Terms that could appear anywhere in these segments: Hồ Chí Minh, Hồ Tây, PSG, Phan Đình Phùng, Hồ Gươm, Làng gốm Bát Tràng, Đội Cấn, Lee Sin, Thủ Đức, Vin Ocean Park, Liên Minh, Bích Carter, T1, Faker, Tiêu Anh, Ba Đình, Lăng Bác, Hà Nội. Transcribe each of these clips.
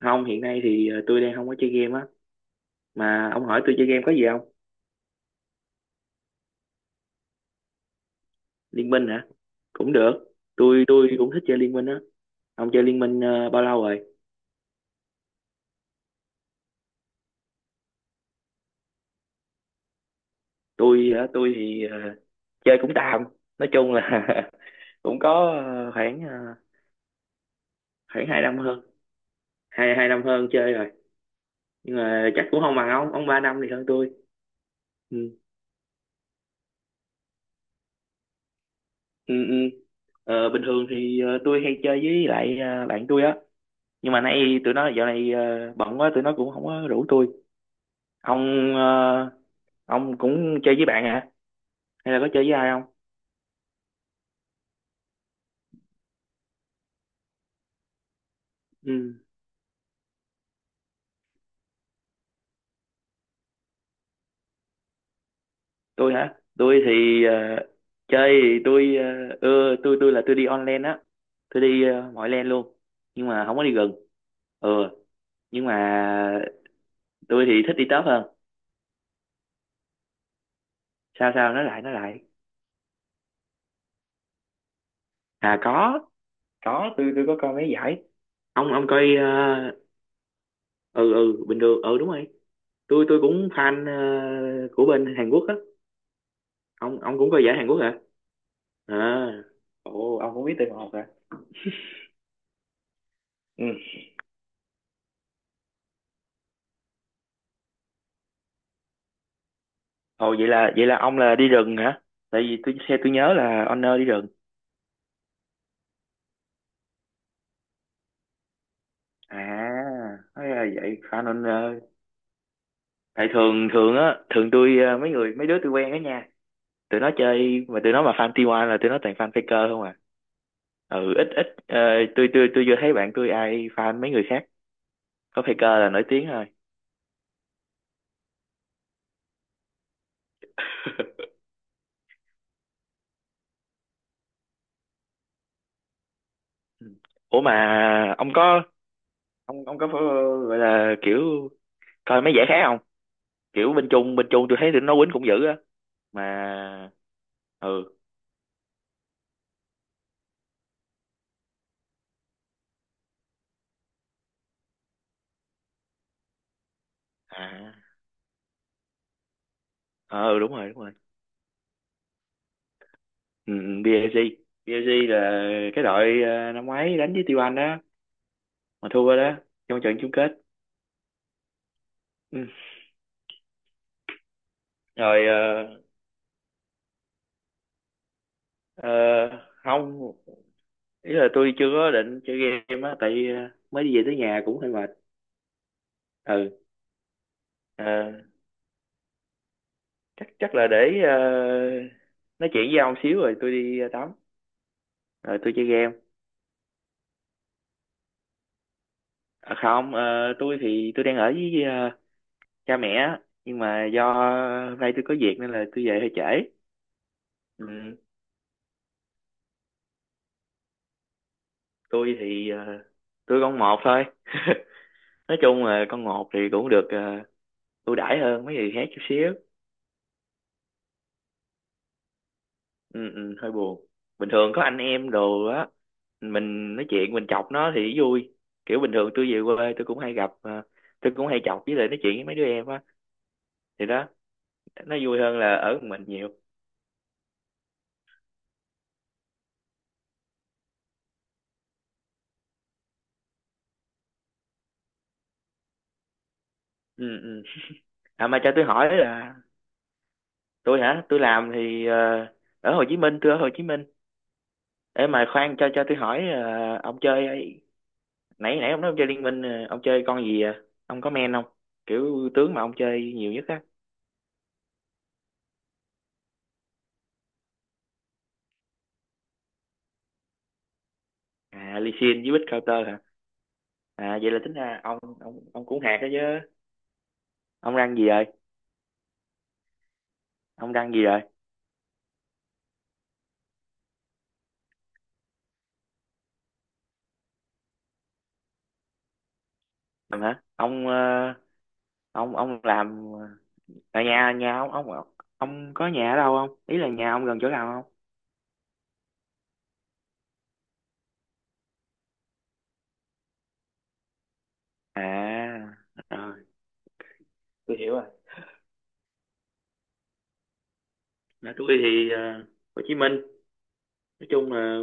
Không, hiện nay thì tôi đang không có chơi game á, mà ông hỏi tôi chơi game có gì không? Liên Minh hả? Cũng được. Tôi cũng thích chơi Liên Minh á. Ông chơi Liên Minh bao lâu rồi? Tôi hả? Tôi thì chơi cũng tạm, nói chung là cũng có khoảng khoảng 2 năm hơn. Hai hai năm hơn chơi rồi, nhưng mà chắc cũng không bằng ông, 3 năm thì hơn tôi. Ừ, ừ, ừ. Bình thường thì tôi hay chơi với lại bạn tôi á, nhưng mà nay tụi nó dạo này bận quá, tụi nó cũng không có rủ tôi. Ông ờ, ông cũng chơi với bạn hả, hay là có chơi với ai không? Ừ. Tôi hả? Tôi thì chơi thì tôi ưa, tôi là tôi đi online á. Tôi đi mọi lane luôn. Nhưng mà không có đi gần. Ừ. Nhưng mà tôi thì thích đi top hơn. Sao sao, nói lại nói lại? À có. Tôi có coi mấy giải. Ông coi. Ờ, ừ, ừ, bình thường, ừ đúng rồi. Tôi cũng fan của bên Hàn Quốc á. Ông cũng coi giải Hàn Quốc hả? À, ồ, ông cũng biết T1 hả? Ừ. Ồ, vậy là ông là đi rừng hả? Tại vì tôi xe tôi nhớ là owner đi rừng. À, nói là vậy fan anh ơi. Tại thường thường á, thường tôi mấy người mấy đứa tôi quen á nha, tụi nó chơi mà tụi nó mà fan T1 là tụi nó toàn fan Faker không à. Ừ, ít ít. Tôi chưa thấy bạn tôi ai fan mấy người khác, có Faker là nổi tiếng thôi. Ừ. Ủa mà ông có, ông có phải, gọi là kiểu coi mấy giải khác, kiểu bên Trung tôi thấy tụi nó quýnh cũng dữ á. Mà, ừ, à, ờ ừ, đúng rồi đúng rồi, ừ, ừ, PSG. PSG là cái đội năm ngoái đánh với Tiêu Anh đó, mà thua đó, trong trận chung kết. Ừ. Rồi ờ, không, ý là tôi chưa có định chơi game á, tại mới đi về tới nhà cũng hơi mệt. Ừ. ờ, chắc chắc là để nói chuyện với ông xíu rồi tôi đi tắm rồi tôi chơi game. À, không. Ờ, tôi thì tôi đang ở với cha mẹ á. Nhưng mà do hôm nay tôi có việc nên là tôi về hơi trễ. Ừ. Tôi thì tôi con một thôi. Nói chung là con một thì cũng được ưu đãi hơn mấy người khác chút xíu. Ừ, ừ, hơi buồn. Bình thường có anh em đồ á, mình nói chuyện mình chọc nó thì vui. Kiểu bình thường tôi về quê tôi cũng hay gặp, tôi cũng hay chọc với lại nói chuyện với mấy đứa em á, thì đó, nó vui hơn là ở một mình nhiều. Ừ, ừ. À mà cho tôi hỏi là, tôi hả? Tôi làm thì ở Hồ Chí Minh, tôi ở Hồ Chí Minh. Ê mà khoan, cho tôi hỏi ông chơi, nãy nãy ông nói ông chơi liên minh, ông chơi con gì à? Ông có men không? Kiểu tướng mà ông chơi nhiều nhất á. À, Lee Sin với Bích Carter hả? À, vậy là tính ra ông cũng hạt đó chứ. Ông răng gì rồi? Ông răng gì rồi? Làm hả? Ông ông làm ở nhà nhà, ông có nhà ở đâu không? Ý là nhà ông gần chỗ nào không? À rồi, tôi hiểu rồi. Nhà tôi thì Hồ Chí Minh, nói chung là,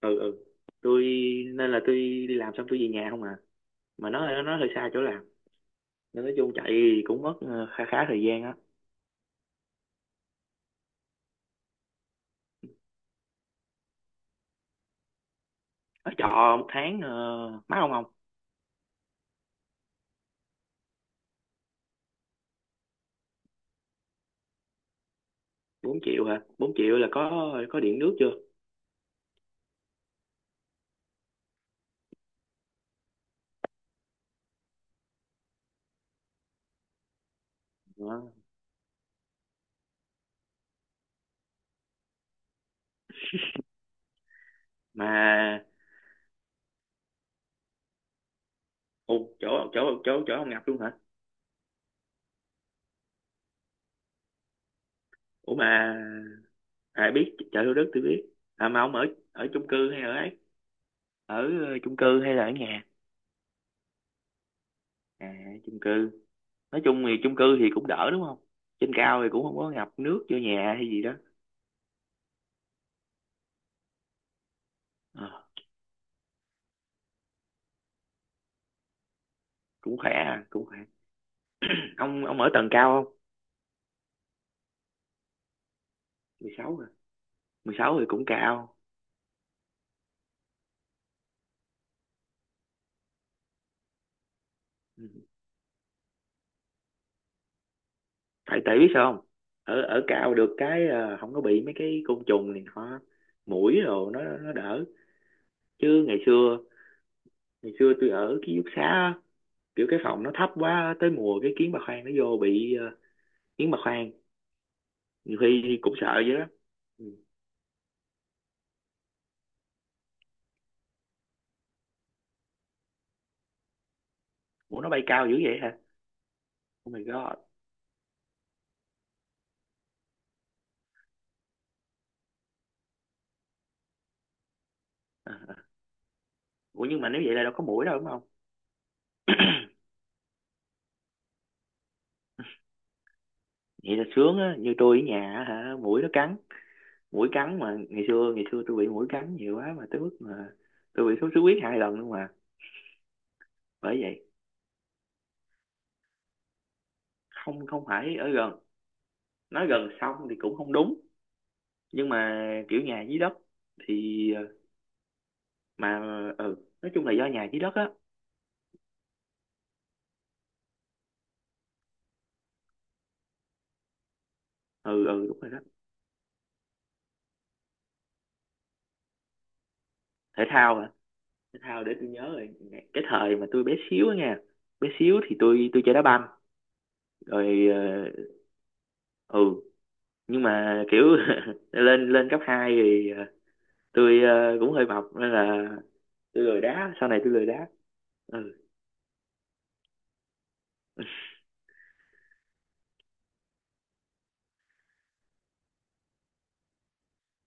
ừ, ừ, tôi, nên là tôi đi làm xong tôi về nhà không à, mà nó hơi xa chỗ làm, nên nói chung chạy thì cũng mất khá khá thời gian á. Ở trọ 1 tháng mắc không không? 4 triệu hả? 4 triệu là có điện nước chưa? Đó. Mà, ồ, chỗ chỗ chỗ chỗ ông ngập luôn hả? Ủa mà ai biết chợ Thủ Đức, tôi biết. À mà ông ở ở chung cư hay ở ấy? Ở chung cư hay là ở nhà? À, chung cư. Nói chung thì chung cư thì cũng đỡ đúng không? Trên cao thì cũng không có ngập nước vô nhà hay gì đó. Ờ. Cũng khỏe à, cũng khỏe. Ông ở tầng cao không? 16 rồi. 16 thì cũng cao. Ừ. tại tại biết sao không? Ở ở cao được cái, không có bị mấy cái côn trùng này nọ, muỗi rồi nó đỡ. Chứ ngày xưa tôi ở ký túc xá á, kiểu cái phòng nó thấp quá, tới mùa cái kiến bà khoang nó vô bị kiến bà khoang, nhiều khi cũng sợ vậy đó. Ừ. Ủa nó bay cao dữ vậy hả? Oh my god. À, à. Ủa nhưng mà nếu vậy là đâu có muỗi đâu đúng không? Vậy là sướng á, như tôi ở nhà á hả, muỗi nó cắn, mũi cắn mà, ngày xưa tôi bị mũi cắn nhiều quá mà tới mức mà tôi bị sốt xuất huyết 2 lần luôn mà. Bởi vậy. Không, không phải ở gần, nói gần xong thì cũng không đúng, nhưng mà kiểu nhà dưới đất thì mà, ừ, nói chung là do nhà dưới đất á. Ừ, ừ, đúng rồi đó. Thể thao hả? Thể thao để tôi nhớ rồi. Cái thời mà tôi bé xíu á nha, bé xíu thì tôi chơi đá banh. Rồi ừ, nhưng mà kiểu lên lên cấp 2 thì tôi cũng hơi mập nên là tôi lười đá, sau này tôi lười đá. Ừ,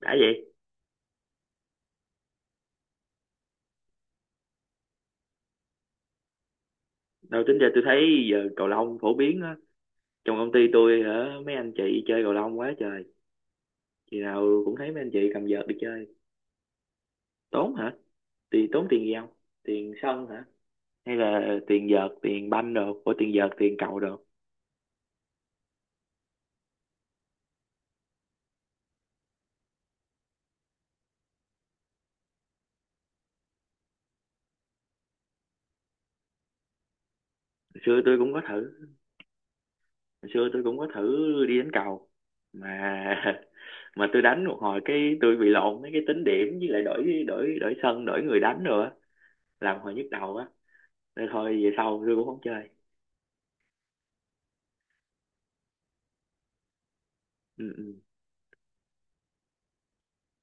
đã vậy. Đâu tính ra tôi thấy giờ cầu lông phổ biến á. Trong công ty tôi hả, mấy anh chị chơi cầu lông quá trời. Khi nào cũng thấy mấy anh chị cầm vợt đi chơi. Tốn hả? Thì tốn tiền gì không? Tiền sân hả? Hay là tiền vợt, tiền banh đồ, của tiền vợt, tiền cầu đồ. Hồi xưa tôi cũng có thử, hồi xưa tôi cũng có thử đi đánh cầu. Mà mà tôi đánh một hồi cái tôi bị lộn mấy cái tính điểm, với lại đổi đổi đổi sân, đổi người đánh rồi á, làm hồi nhức đầu á. Nên thôi về sau tôi cũng không chơi. Ừ, ừ.